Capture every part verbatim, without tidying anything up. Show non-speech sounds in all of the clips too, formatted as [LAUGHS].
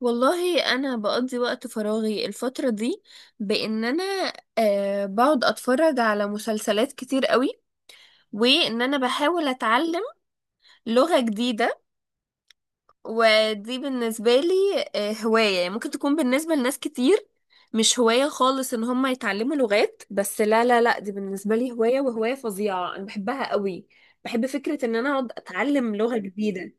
والله انا بقضي وقت فراغي الفتره دي بان انا آه بقعد اتفرج على مسلسلات كتير قوي، وان انا بحاول اتعلم لغه جديده. ودي بالنسبه لي آه هوايه. يعني ممكن تكون بالنسبه لناس كتير مش هوايه خالص ان هم يتعلموا لغات، بس لا لا لا، دي بالنسبه لي هوايه، وهوايه فظيعه انا بحبها قوي. بحب فكره ان انا اقعد اتعلم لغه جديده.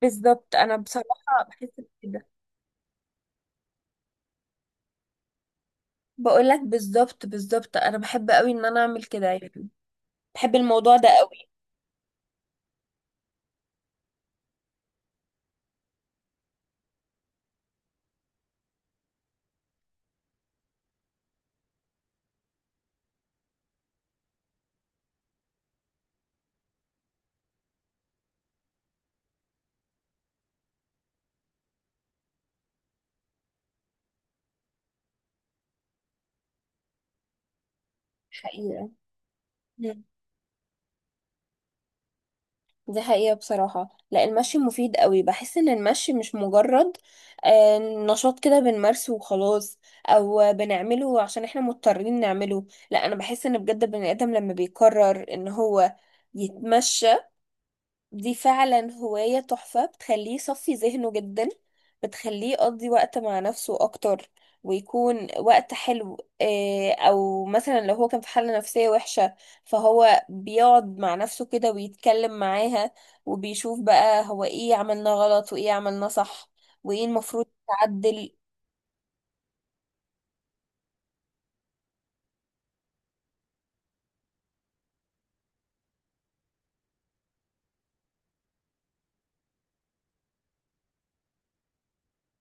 بالظبط. انا بصراحه بحس. بقول لك بالظبط بالظبط، انا بحب قوي ان انا اعمل كده يعني. بحب الموضوع ده قوي. حقيقة. مم. دي حقيقة بصراحة، لا، المشي مفيد قوي. بحس ان المشي مش مجرد آه، نشاط كده بنمارسه وخلاص، او بنعمله عشان احنا مضطرين نعمله. لا، انا بحس ان بجد البني ادم لما بيقرر ان هو يتمشى، دي فعلا هواية تحفة بتخليه يصفي ذهنه جدا، بتخليه يقضي وقت مع نفسه أكتر ويكون وقت حلو. آه، أو مثلا لو هو كان في حالة نفسية وحشة، فهو بيقعد مع نفسه كده ويتكلم معاها، وبيشوف بقى هو ايه عملنا غلط وايه عملنا صح وايه المفروض يتعدل.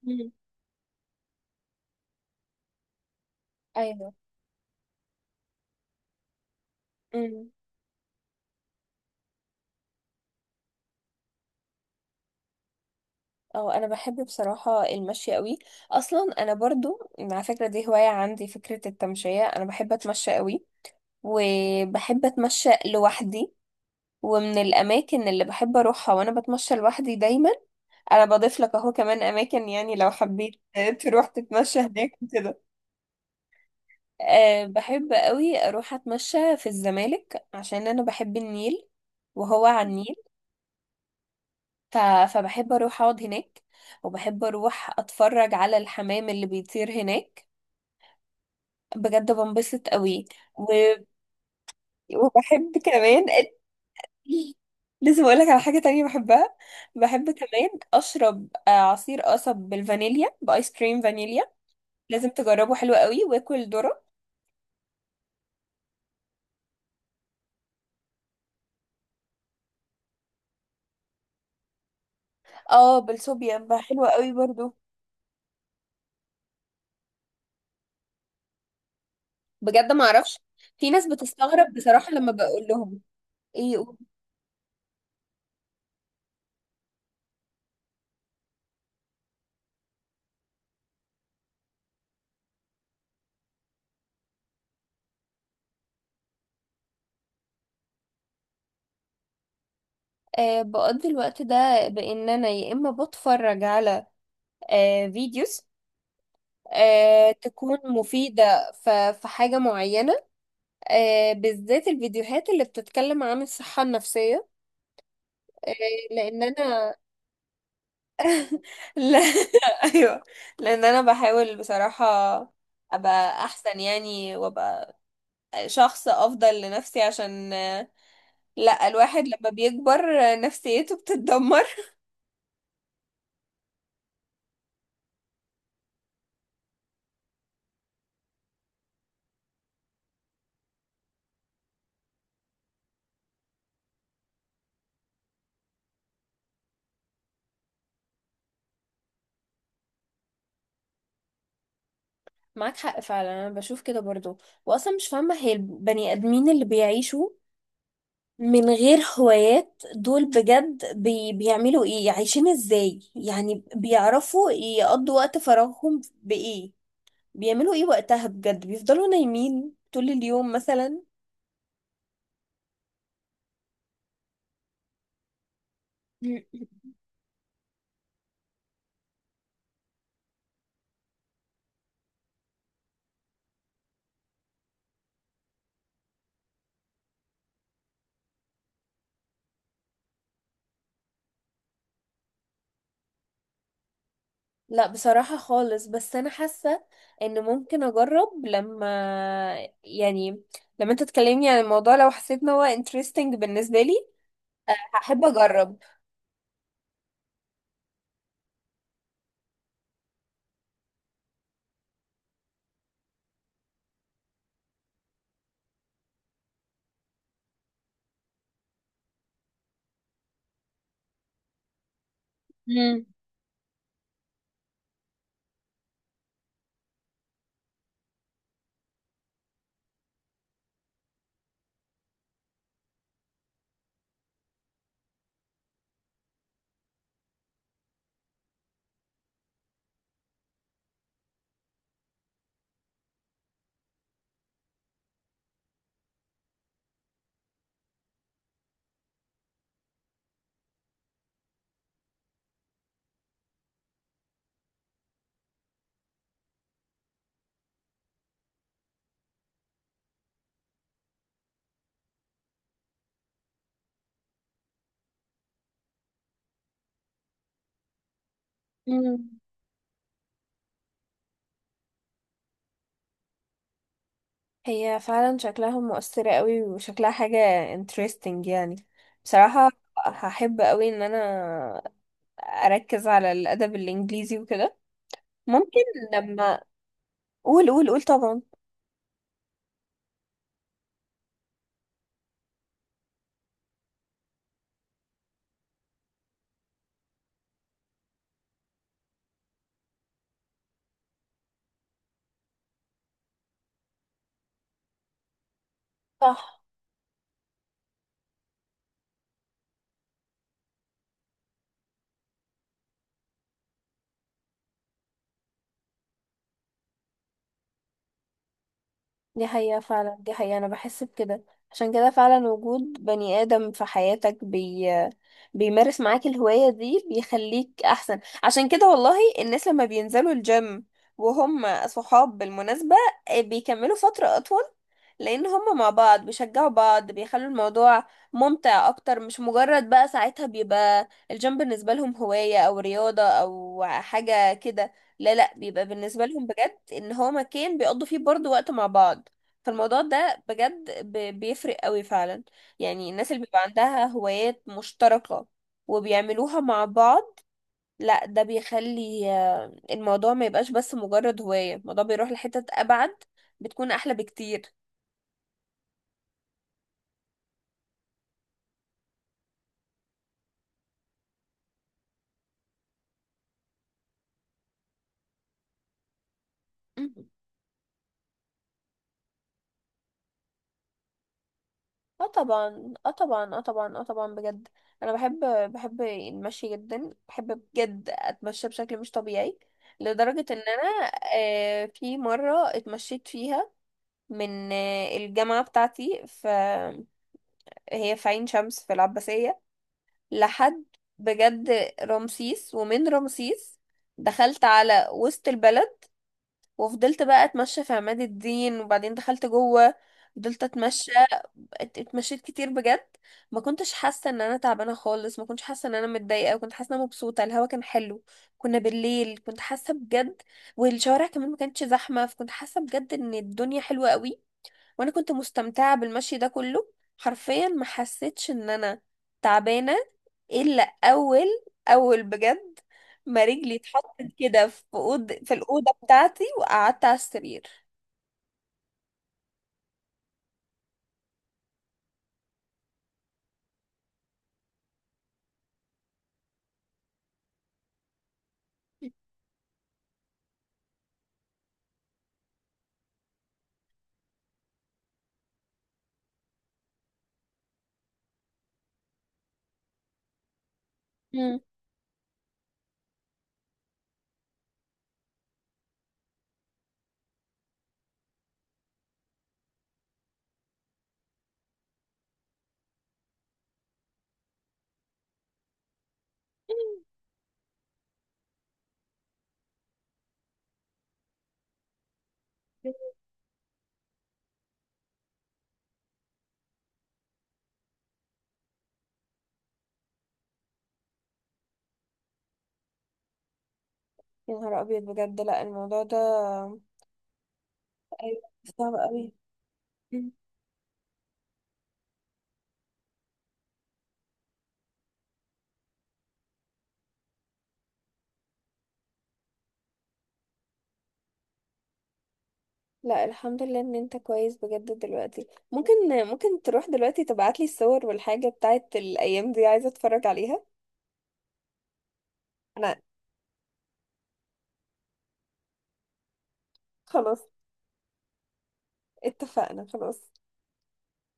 مم. ايوه. مم. اه انا بحب بصراحة المشي قوي. اصلا انا برضو على فكرة دي هواية عندي، فكرة التمشية. انا بحب اتمشى قوي وبحب اتمشى لوحدي. ومن الاماكن اللي بحب اروحها وانا بتمشى لوحدي دايما، انا بضيف لك اهو كمان اماكن يعني لو حبيت تروح تتمشى هناك وكده. أه بحب قوي اروح اتمشى في الزمالك عشان انا بحب النيل، وهو على النيل. ف... فبحب اروح اقعد هناك. وبحب اروح اتفرج على الحمام اللي بيطير هناك، بجد بنبسط قوي. و... وبحب كمان، لازم اقول لك على حاجه تانية بحبها. بحب كمان اشرب آه، عصير قصب بالفانيليا، بايس كريم فانيليا. لازم تجربه حلو قوي، واكل ذره. اه بالصوبيا حلوه قوي برضو. بجد ما اعرفش، في ناس بتستغرب بصراحه لما بقول لهم. ايه يقول- آه بقضي الوقت ده بان انا يا اما بتفرج على آه فيديوز آه تكون مفيدة ف- في حاجة معينة. آه بالذات الفيديوهات اللي بتتكلم عن الصحة النفسية. آه، لان انا. لا. [LAUGHS] ايوه. لان انا بحاول بصراحة ابقى احسن يعني، وابقى شخص افضل لنفسي. عشان لا، الواحد لما بيكبر نفسيته بتتدمر. معاك حق فعلا، انا بشوف كده برضو. واصلا مش فاهمة هي البني ادمين اللي بيعيشوا من غير هوايات دول بجد بي بيعملوا ايه، عايشين ازاي يعني. بيعرفوا يقضوا وقت فراغهم بايه، بيعملوا ايه وقتها، بجد بيفضلوا نايمين طول اليوم مثلا. م- م- لا بصراحة خالص، بس أنا حاسة إن ممكن أجرب، لما يعني لما أنت تكلمني عن الموضوع لو حسيت إن هو interesting بالنسبة لي هحب أجرب. مم. مم. هي فعلا شكلها مؤثرة قوي وشكلها حاجة interesting يعني، بصراحة هحب قوي إن أنا أركز على الأدب الإنجليزي وكده. ممكن لما، قول قول قول طبعا. صح. دي حقيقة فعلا، دي حقيقة، أنا بحس بكده. عشان كده فعلا وجود بني آدم في حياتك بي... بيمارس معاك الهواية دي بيخليك أحسن. عشان كده والله الناس لما بينزلوا الجيم وهم صحاب بالمناسبة آه، بيكملوا فترة أطول، لأن هم مع بعض بيشجعوا بعض، بيخلوا الموضوع ممتع أكتر. مش مجرد بقى، ساعتها بيبقى الجيم بالنسبة لهم هواية أو رياضة أو حاجة كده، لا لا، بيبقى بالنسبة لهم بجد ان هو مكان بيقضوا فيه برضو وقت مع بعض. فالموضوع ده بجد ب- بيفرق قوي فعلا. يعني الناس اللي بيبقى عندها هوايات مشتركة وبيعملوها مع بعض، لا ده بيخلي آه، الموضوع ما يبقاش بس مجرد هواية، الموضوع بيروح لحتت أبعد، بتكون أحلى بكتير. مم. اه طبعا اه طبعا اه طبعا اه طبعا بجد، انا بحب بحب المشي جدا، بحب بجد اتمشى بشكل مش طبيعي. لدرجة ان انا آه، في مرة اتمشيت فيها من آه، الجامعة بتاعتي، هي في عين شمس في العباسية، لحد بجد رمسيس. ومن رمسيس دخلت على وسط البلد وفضلت بقى اتمشى في عماد الدين، وبعدين دخلت جوه فضلت اتمشى. ات- اتمشيت كتير بجد، ما كنتش حاسه ان انا تعبانه خالص، ما كنتش حاسه ان انا متضايقه، كنت حاسه ان انا مبسوطه، الهوا كان حلو، كنا بالليل. كنت حاسه بجد، والشوارع كمان ما كانتش زحمه، فكنت حاسه بجد ان الدنيا حلوه قوي. وانا كنت مستمتعة بالمشي ده كله، حرفيا ما حسيتش ان انا تعبانة الا اول اول بجد ما رجلي اتحطت كده في أوض في الأوضة بتاعتي وقعدت على السرير. مم. يا نهار ابيض، بجد لا، الموضوع ده. ايوه صعب قوي. مم. لا الحمد لله ان انت كويس بجد دلوقتي. ممكن ممكن تروح دلوقتي تبعتلي الصور والحاجة بتاعت الايام دي، عايزة اتفرج عليها. انا. خلاص اتفقنا خلاص.